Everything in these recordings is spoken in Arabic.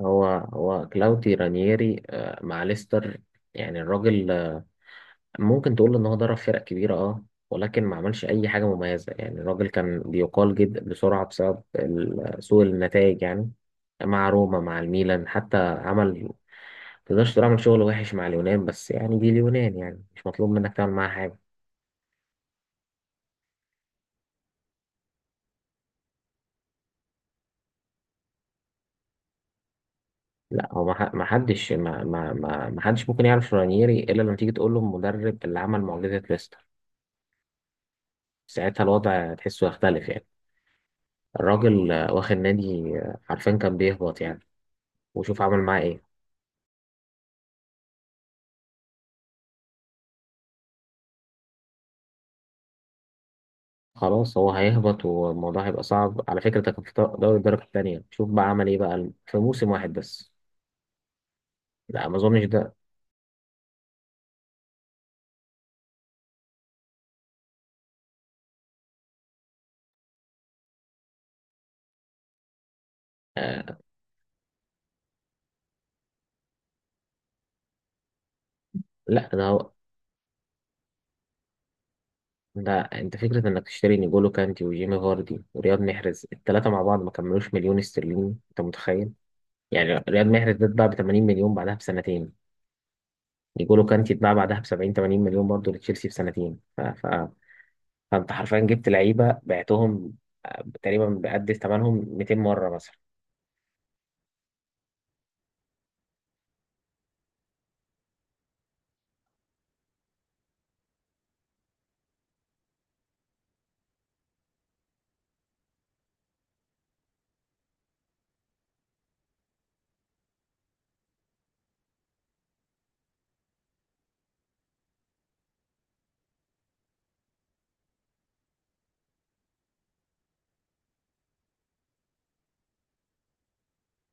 هو كلاوتي رانييري مع ليستر. يعني الراجل، ممكن تقول ان هو درب فرق كبيره، ولكن ما عملش اي حاجه مميزه يعني. الراجل كان بيقال جدا بسرعه بسبب سوء النتائج يعني، مع روما، مع الميلان. حتى عمل، تقدرش تقول عمل شغل وحش مع اليونان، بس يعني دي اليونان يعني مش مطلوب منك تعمل معاها حاجه. لا، هو ما ح- ما حدش ما ما ما ما حدش ممكن يعرف رانييري الا لما تيجي تقول له المدرب اللي عمل معجزه ليستر. ساعتها الوضع تحسه يختلف يعني. الراجل واخد نادي عارفين كان بيهبط يعني، وشوف عمل معاه ايه. خلاص هو هيهبط والموضوع هيبقى صعب. على فكرة ده كان في دوري الدرجة التانية، شوف بقى عمل ايه بقى في موسم واحد بس. لا، ما اظنش ده. آه لا، ده هو. ده انت فكرة انك تشتري نيجولو كانتي وجيمي فاردي ورياض محرز، التلاتة مع بعض ما كملوش مليون استرليني، انت متخيل؟ يعني رياض محرز ده اتباع ب 80 مليون بعدها بسنتين. نيجولو كانتي اتباع بعدها ب 70 80 مليون برضه لتشيلسي في سنتين. فانت حرفيا جبت لعيبه بعتهم، تقريبا بقد ثمنهم 200 مره مثلا.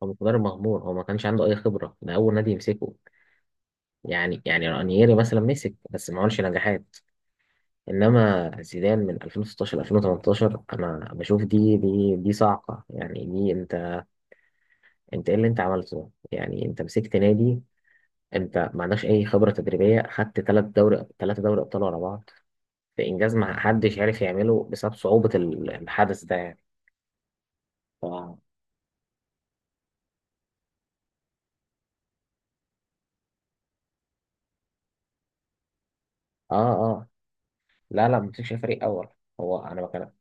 هو مقدار مغمور، هو ما كانش عنده اي خبره، ده اول نادي يمسكه. يعني رانييري مثلا مسك بس ما عملش نجاحات. انما زيدان من 2016 2018 انا بشوف دي صاعقه يعني. دي انت، ايه اللي انت عملته؟ يعني انت مسكت نادي، انت ما عندكش اي خبره تدريبيه، خدت ثلاث دوري، ثلاثه دوري ابطال ورا بعض. في انجاز ما حدش عارف يعمله بسبب صعوبه الحدث ده يعني. ف- اه اه، لا ما مسكش فريق اول. هو انا بكلم.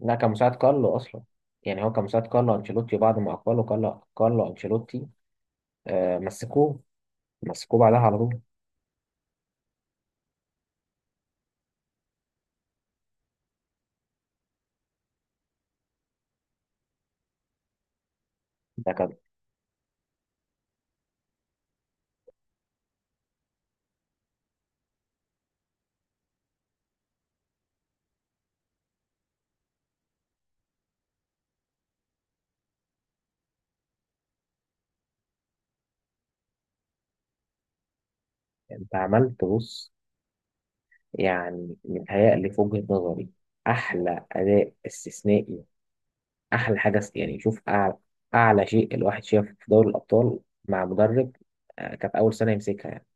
لا، كان مساعد كارلو اصلا. يعني هو كان مساعد كارلو انشيلوتي، بعد ما اقبله كارلو انشيلوتي مسكوه. مسكوه بعدها على طول. ده كان، انت عملت، بص يعني متهيألي في وجهة نظري احلى اداء استثنائي، احلى حاجه يعني شوف اعلى، اعلى شيء الواحد شافه في دوري الابطال مع مدرب، كانت اول سنه يمسكها يعني.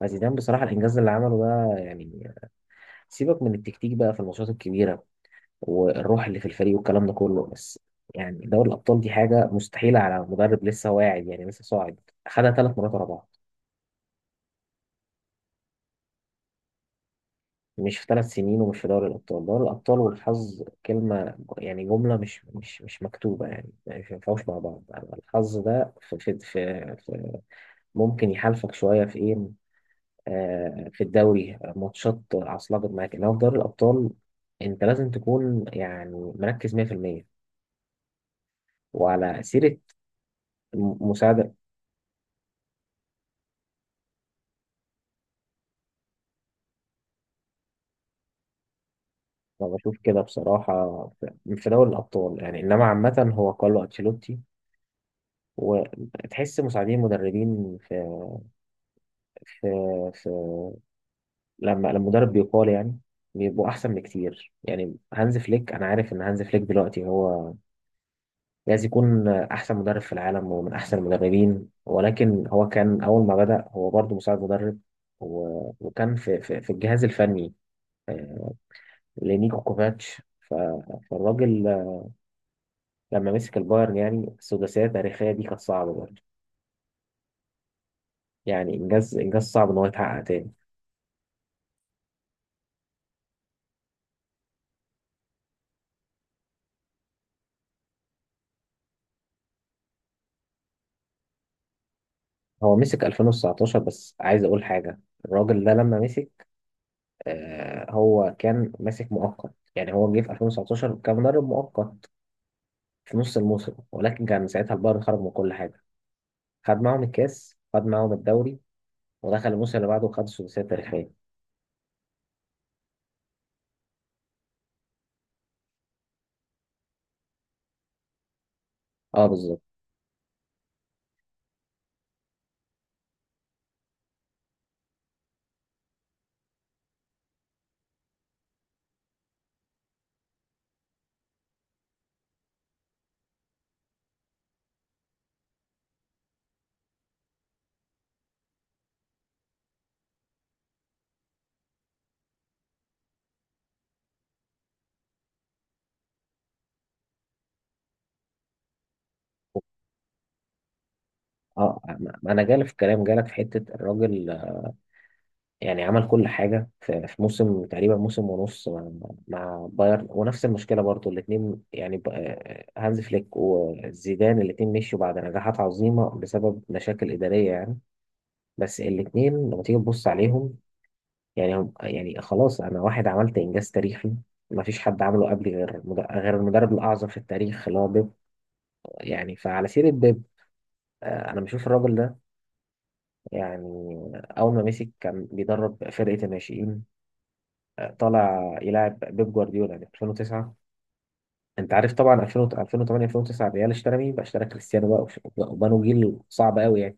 فزيدان بصراحه الانجاز اللي عمله ده، يعني سيبك من التكتيك بقى في الماتشات الكبيره والروح اللي في الفريق والكلام ده كله، بس يعني دوري الأبطال دي حاجة مستحيلة على مدرب لسه واعد، يعني لسه صاعد. خدها ثلاث مرات ورا بعض، مش في ثلاث سنين، ومش في دوري الأبطال. دوري الأبطال والحظ كلمة، يعني جملة مش مش مكتوبة يعني، يعني مش ينفعوش مع بعض. الحظ ده في ممكن يحالفك شوية في إيه، في الدوري، ماتشات عصلجت معاك، إنما في دوري الأبطال أنت لازم تكون يعني مركز 100%. وعلى سيرة مساعدة، انا بشوف كده بصراحه في دوري الابطال يعني، انما عامه هو كارلو انشيلوتي. وتحس مساعدين مدربين في في في لما المدرب بيقال يعني بيبقوا احسن بكتير. يعني هانز فليك، انا عارف ان هانز فليك دلوقتي هو لازم يكون احسن مدرب في العالم ومن احسن المدربين، ولكن هو كان اول ما بدأ هو برضه مساعد مدرب، وكان في الجهاز الفني، آه، لنيكو كوفاتش. فالراجل لما مسك البايرن، يعني السداسية التاريخية دي كانت صعبة برضه. يعني إنجاز، إنجاز صعب إن هو يتحقق تاني. هو مسك 2019. بس عايز أقول حاجة، الراجل ده لما مسك، هو كان ماسك مؤقت. يعني هو جه في 2019 كان مدرب مؤقت في نص الموسم، ولكن كان ساعتها البايرن خرج من كل حاجة. خد معاهم الكاس، خد معاهم الدوري، ودخل الموسم اللي بعده وخد السداسية التاريخية. اه، بالظبط. اه، ما انا جالي في الكلام جالك في حته، الراجل يعني عمل كل حاجة في موسم تقريبا، موسم ونص مع، مع بايرن. ونفس المشكلة برضو الاتنين، يعني هانز فليك وزيدان الاتنين مشوا بعد نجاحات عظيمة بسبب مشاكل إدارية يعني. بس الاتنين لما تيجي تبص عليهم يعني، هم يعني خلاص أنا واحد عملت إنجاز تاريخي ما فيش حد عمله قبلي غير غير المدرب الأعظم في التاريخ اللي هو بيب. يعني فعلى سيرة بيب، أنا بشوف الراجل ده، يعني أول ما مسك كان بيدرب فرقة الناشئين، طالع يلاعب بيب جوارديولا في 2009. انت عارف طبعا 2000 2008 2009 الريال اشترى مين بقى؟ اشترى كريستيانو بقى وبنوا جيل صعب قوي يعني.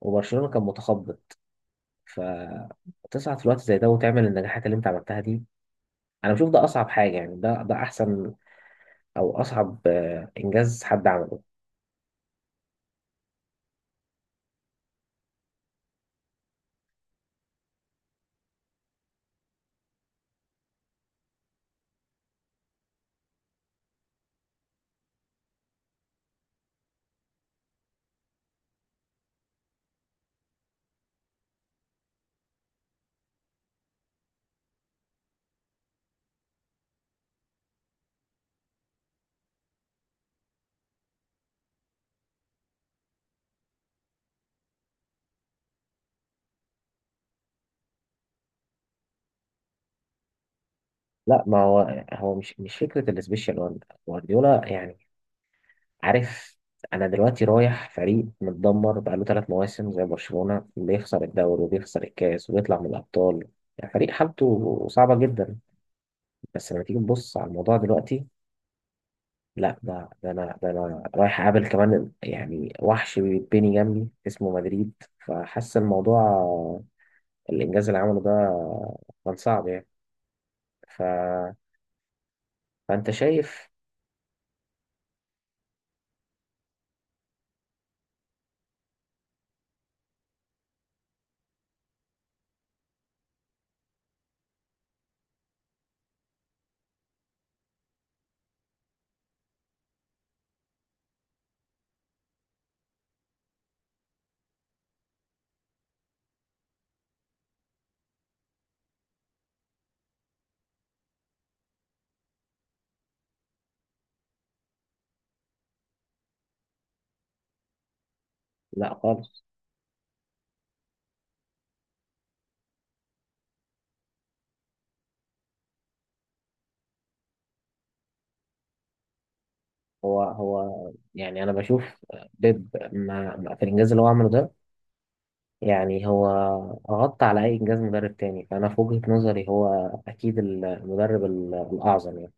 وبرشلونة كان متخبط. فتصعد في الوقت زي ده وتعمل النجاحات اللي انت عملتها دي، انا بشوف ده اصعب حاجة يعني. ده احسن، او اصعب، انجاز حد عمله. لا، ما هو هو مش فكرة السبيشال وان. جوارديولا يعني، عارف، انا دلوقتي رايح فريق متدمر بقاله ثلاث مواسم زي برشلونة، بيخسر الدوري وبيخسر الكاس وبيطلع من الابطال، يعني فريق حالته صعبة جدا. بس لما تيجي تبص على الموضوع دلوقتي، لا، ده انا رايح اقابل كمان يعني وحش بيتبني جنبي اسمه مدريد، فحاسس الموضوع الانجاز اللي عمله ده كان صعب يعني. ف... فانت شايف. لا، خالص. هو يعني انا بشوف بيب، في الانجاز اللي هو عمله ده، يعني هو غطى على أي إنجاز مدرب تاني. فأنا في وجهة نظري هو أكيد المدرب الأعظم يعني.